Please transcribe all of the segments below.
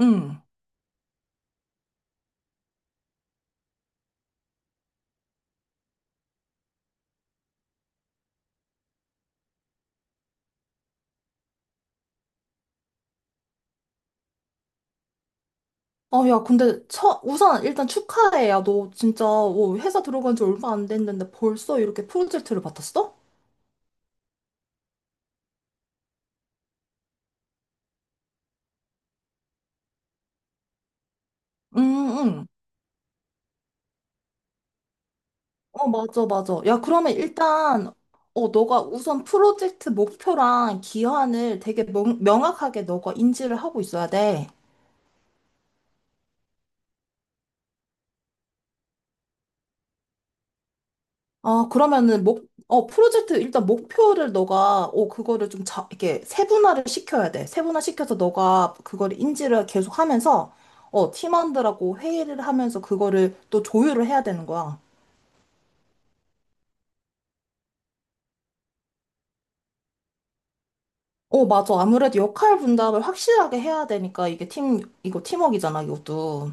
응. 아, 야, 근데, 우선, 일단 축하해. 야, 너 진짜, 회사 들어간 지 얼마 안 됐는데 벌써 이렇게 프로젝트를 맡았어? 응, 응. 맞아, 맞아. 야, 그러면 일단, 너가 우선 프로젝트 목표랑 기한을 되게 명확하게 너가 인지를 하고 있어야 돼. 아, 그러면은 프로젝트 일단 목표를 너가, 그거를 좀 이렇게 세분화를 시켜야 돼. 세분화 시켜서 너가 그거를 인지를 계속 하면서, 팀원들하고 회의를 하면서 그거를 또 조율을 해야 되는 거야. 맞아. 아무래도 역할 분담을 확실하게 해야 되니까 이거 팀워크잖아, 이것도.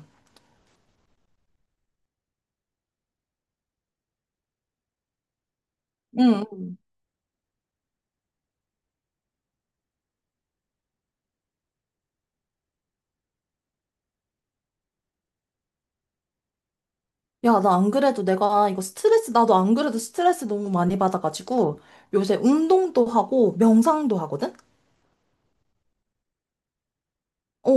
응. 야, 나 안 그래도 내가 나도 안 그래도 스트레스 너무 많이 받아가지고 요새 운동도 하고 명상도 하거든? 어,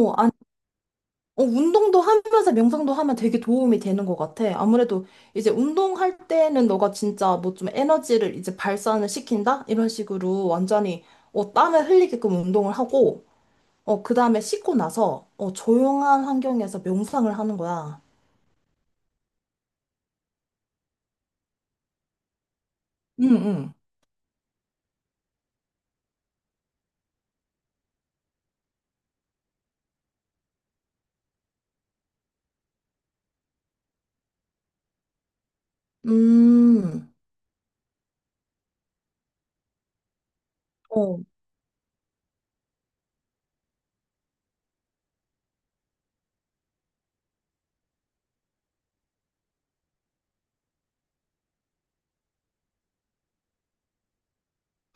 운동도 하면서 명상도 하면 되게 도움이 되는 것 같아. 아무래도 이제 운동할 때는 너가 진짜 뭐 좀 에너지를 이제 발산을 시킨다? 이런 식으로 완전히 땀을 흘리게끔 운동을 하고, 그 다음에 씻고 나서 조용한 환경에서 명상을 하는 거야. 응, 응. 음, 어,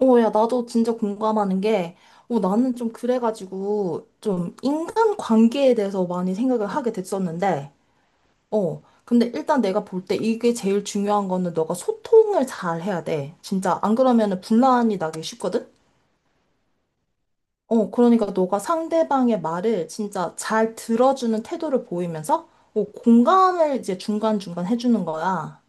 야, 나도 진짜 공감하는 게, 나는 좀 그래가지고 좀 인간 관계에 대해서 많이 생각을 하게 됐었는데, 근데 일단 내가 볼 때 이게 제일 중요한 거는 너가 소통을 잘 해야 돼. 진짜 안 그러면은 분란이 나기 쉽거든? 그러니까 너가 상대방의 말을 진짜 잘 들어주는 태도를 보이면서 공감을 이제 중간중간 해주는 거야.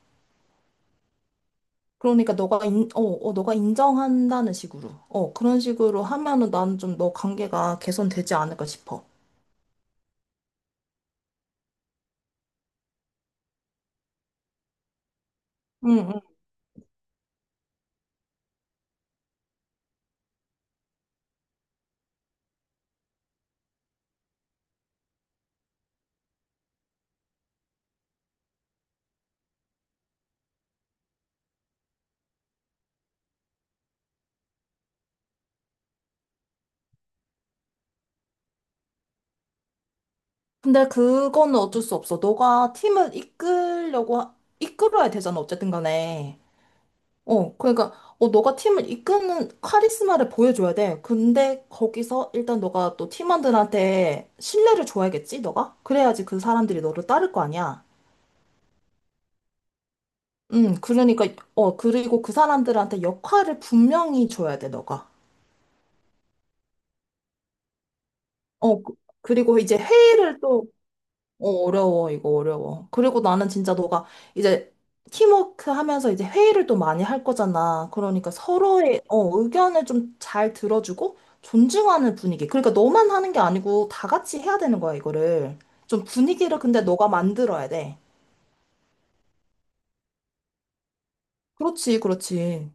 그러니까 너가 인정한다는 식으로. 그런 식으로 하면은 나는 좀 너 관계가 개선되지 않을까 싶어. 응, 응. 근데 그거는 어쩔 수 없어. 너가 팀을 이끌려고, 이끌어야 되잖아, 어쨌든 간에. 그러니까, 너가 팀을 이끄는 카리스마를 보여줘야 돼. 근데 거기서 일단 너가 또 팀원들한테 신뢰를 줘야겠지, 너가? 그래야지 그 사람들이 너를 따를 거 아니야. 그러니까, 그리고 그 사람들한테 역할을 분명히 줘야 돼, 너가. 어, 그- 그리고 이제 회의를 또, 어려워, 이거 어려워. 그리고 나는 진짜 너가 이제 팀워크 하면서 이제 회의를 또 많이 할 거잖아. 그러니까 서로의 의견을 좀 잘 들어주고 존중하는 분위기. 그러니까 너만 하는 게 아니고 다 같이 해야 되는 거야, 이거를. 좀 분위기를 근데 너가 만들어야 돼. 그렇지, 그렇지.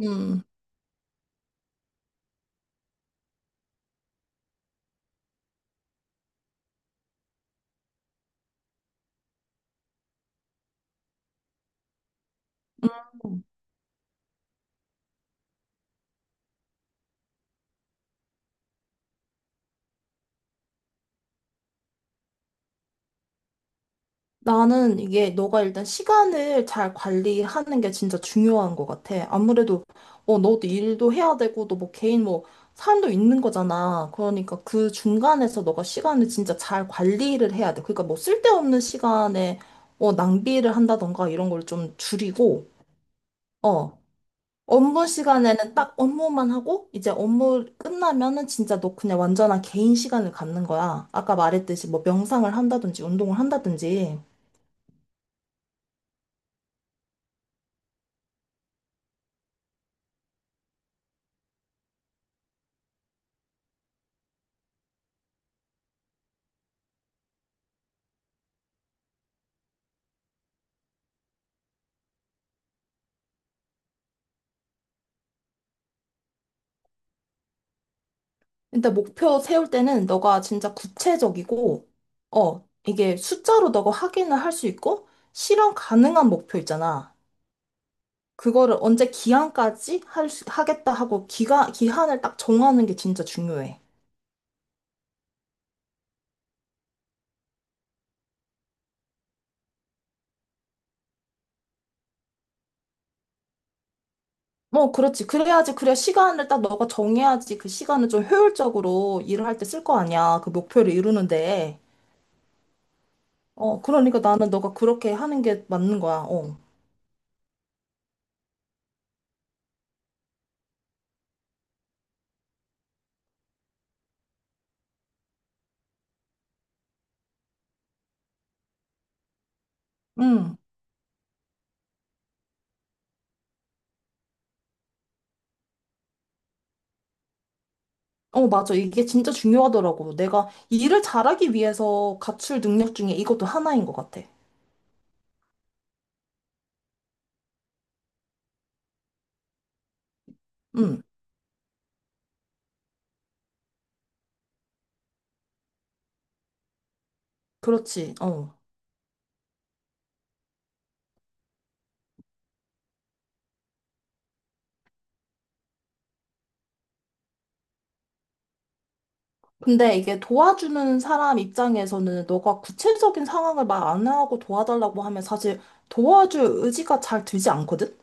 음. 나는 이게 너가 일단 시간을 잘 관리하는 게 진짜 중요한 것 같아. 아무래도 너도 일도 해야 되고 너 뭐 개인 뭐 삶도 있는 거잖아. 그러니까 그 중간에서 너가 시간을 진짜 잘 관리를 해야 돼. 그러니까 뭐 쓸데없는 시간에 낭비를 한다던가 이런 걸 좀 줄이고 어 업무 시간에는 딱 업무만 하고 이제 업무 끝나면은 진짜 너 그냥 완전한 개인 시간을 갖는 거야. 아까 말했듯이 뭐 명상을 한다든지 운동을 한다든지. 일단 목표 세울 때는 너가 진짜 구체적이고, 이게 숫자로 너가 확인을 할 수 있고, 실현 가능한 목표 있잖아. 그거를 언제 기한까지 하겠다 하고 기한을 딱 정하는 게 진짜 중요해. 뭐, 그렇지. 그래야지, 그래. 시간을 딱 너가 정해야지 그 시간을 좀 효율적으로 일을 할 때 쓸 거 아니야. 그 목표를 이루는데. 그러니까 나는 너가 그렇게 하는 게 맞는 거야. 어. 응. 맞아. 이게 진짜 중요하더라고. 내가 일을 잘하기 위해서 갖출 능력 중에 이것도 하나인 것 같아. 응, 그렇지. 어. 근데 이게 도와주는 사람 입장에서는 너가 구체적인 상황을 말 안 하고 도와달라고 하면 사실 도와줄 의지가 잘 들지 않거든?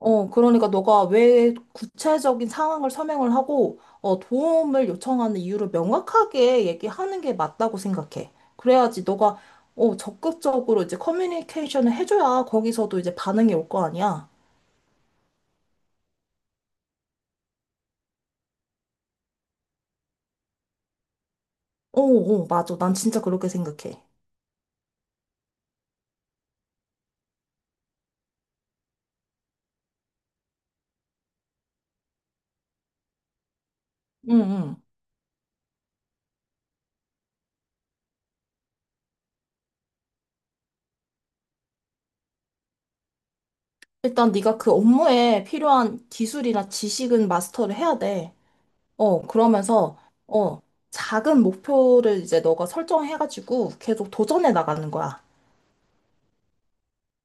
그러니까 너가 왜 구체적인 상황을 설명을 하고, 도움을 요청하는 이유를 명확하게 얘기하는 게 맞다고 생각해. 그래야지 너가, 적극적으로 이제 커뮤니케이션을 해줘야 거기서도 이제 반응이 올 거 아니야. 맞아. 난 진짜 그렇게 생각해. 응, 응. 일단 네가 그 업무에 필요한 기술이나 지식은 마스터를 해야 돼. 그러면서, 어, 작은 목표를 이제 너가 설정해가지고 계속 도전해 나가는 거야.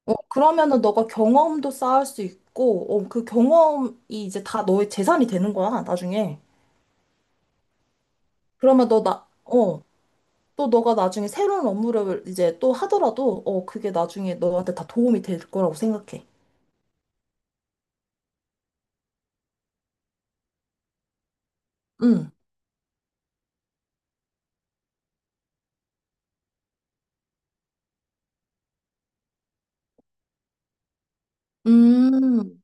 그러면은 너가 경험도 쌓을 수 있고, 그 경험이 이제 다 너의 재산이 되는 거야, 나중에. 그러면 또 너가 나중에 새로운 업무를 이제 또 하더라도, 그게 나중에 너한테 다 도움이 될 거라고 생각해. 응. 음.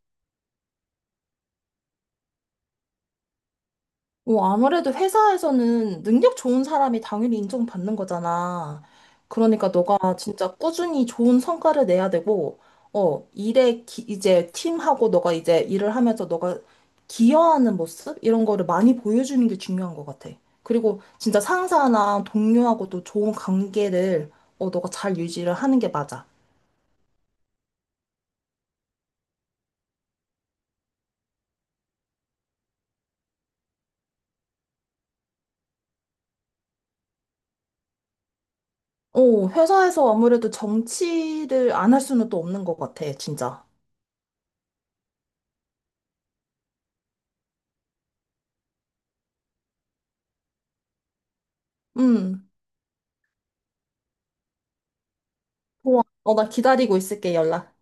아무래도 회사에서는 능력 좋은 사람이 당연히 인정받는 거잖아. 그러니까 너가 진짜 꾸준히 좋은 성과를 내야 되고, 이제 팀하고 너가 이제 일을 하면서 너가 기여하는 모습? 이런 거를 많이 보여주는 게 중요한 것 같아. 그리고 진짜 상사나 동료하고도 좋은 관계를 너가 잘 유지를 하는 게 맞아. 회사에서 아무래도 정치를 안 할 수는 또 없는 것 같아, 진짜. 음, 좋아. 나 기다리고 있을게, 연락.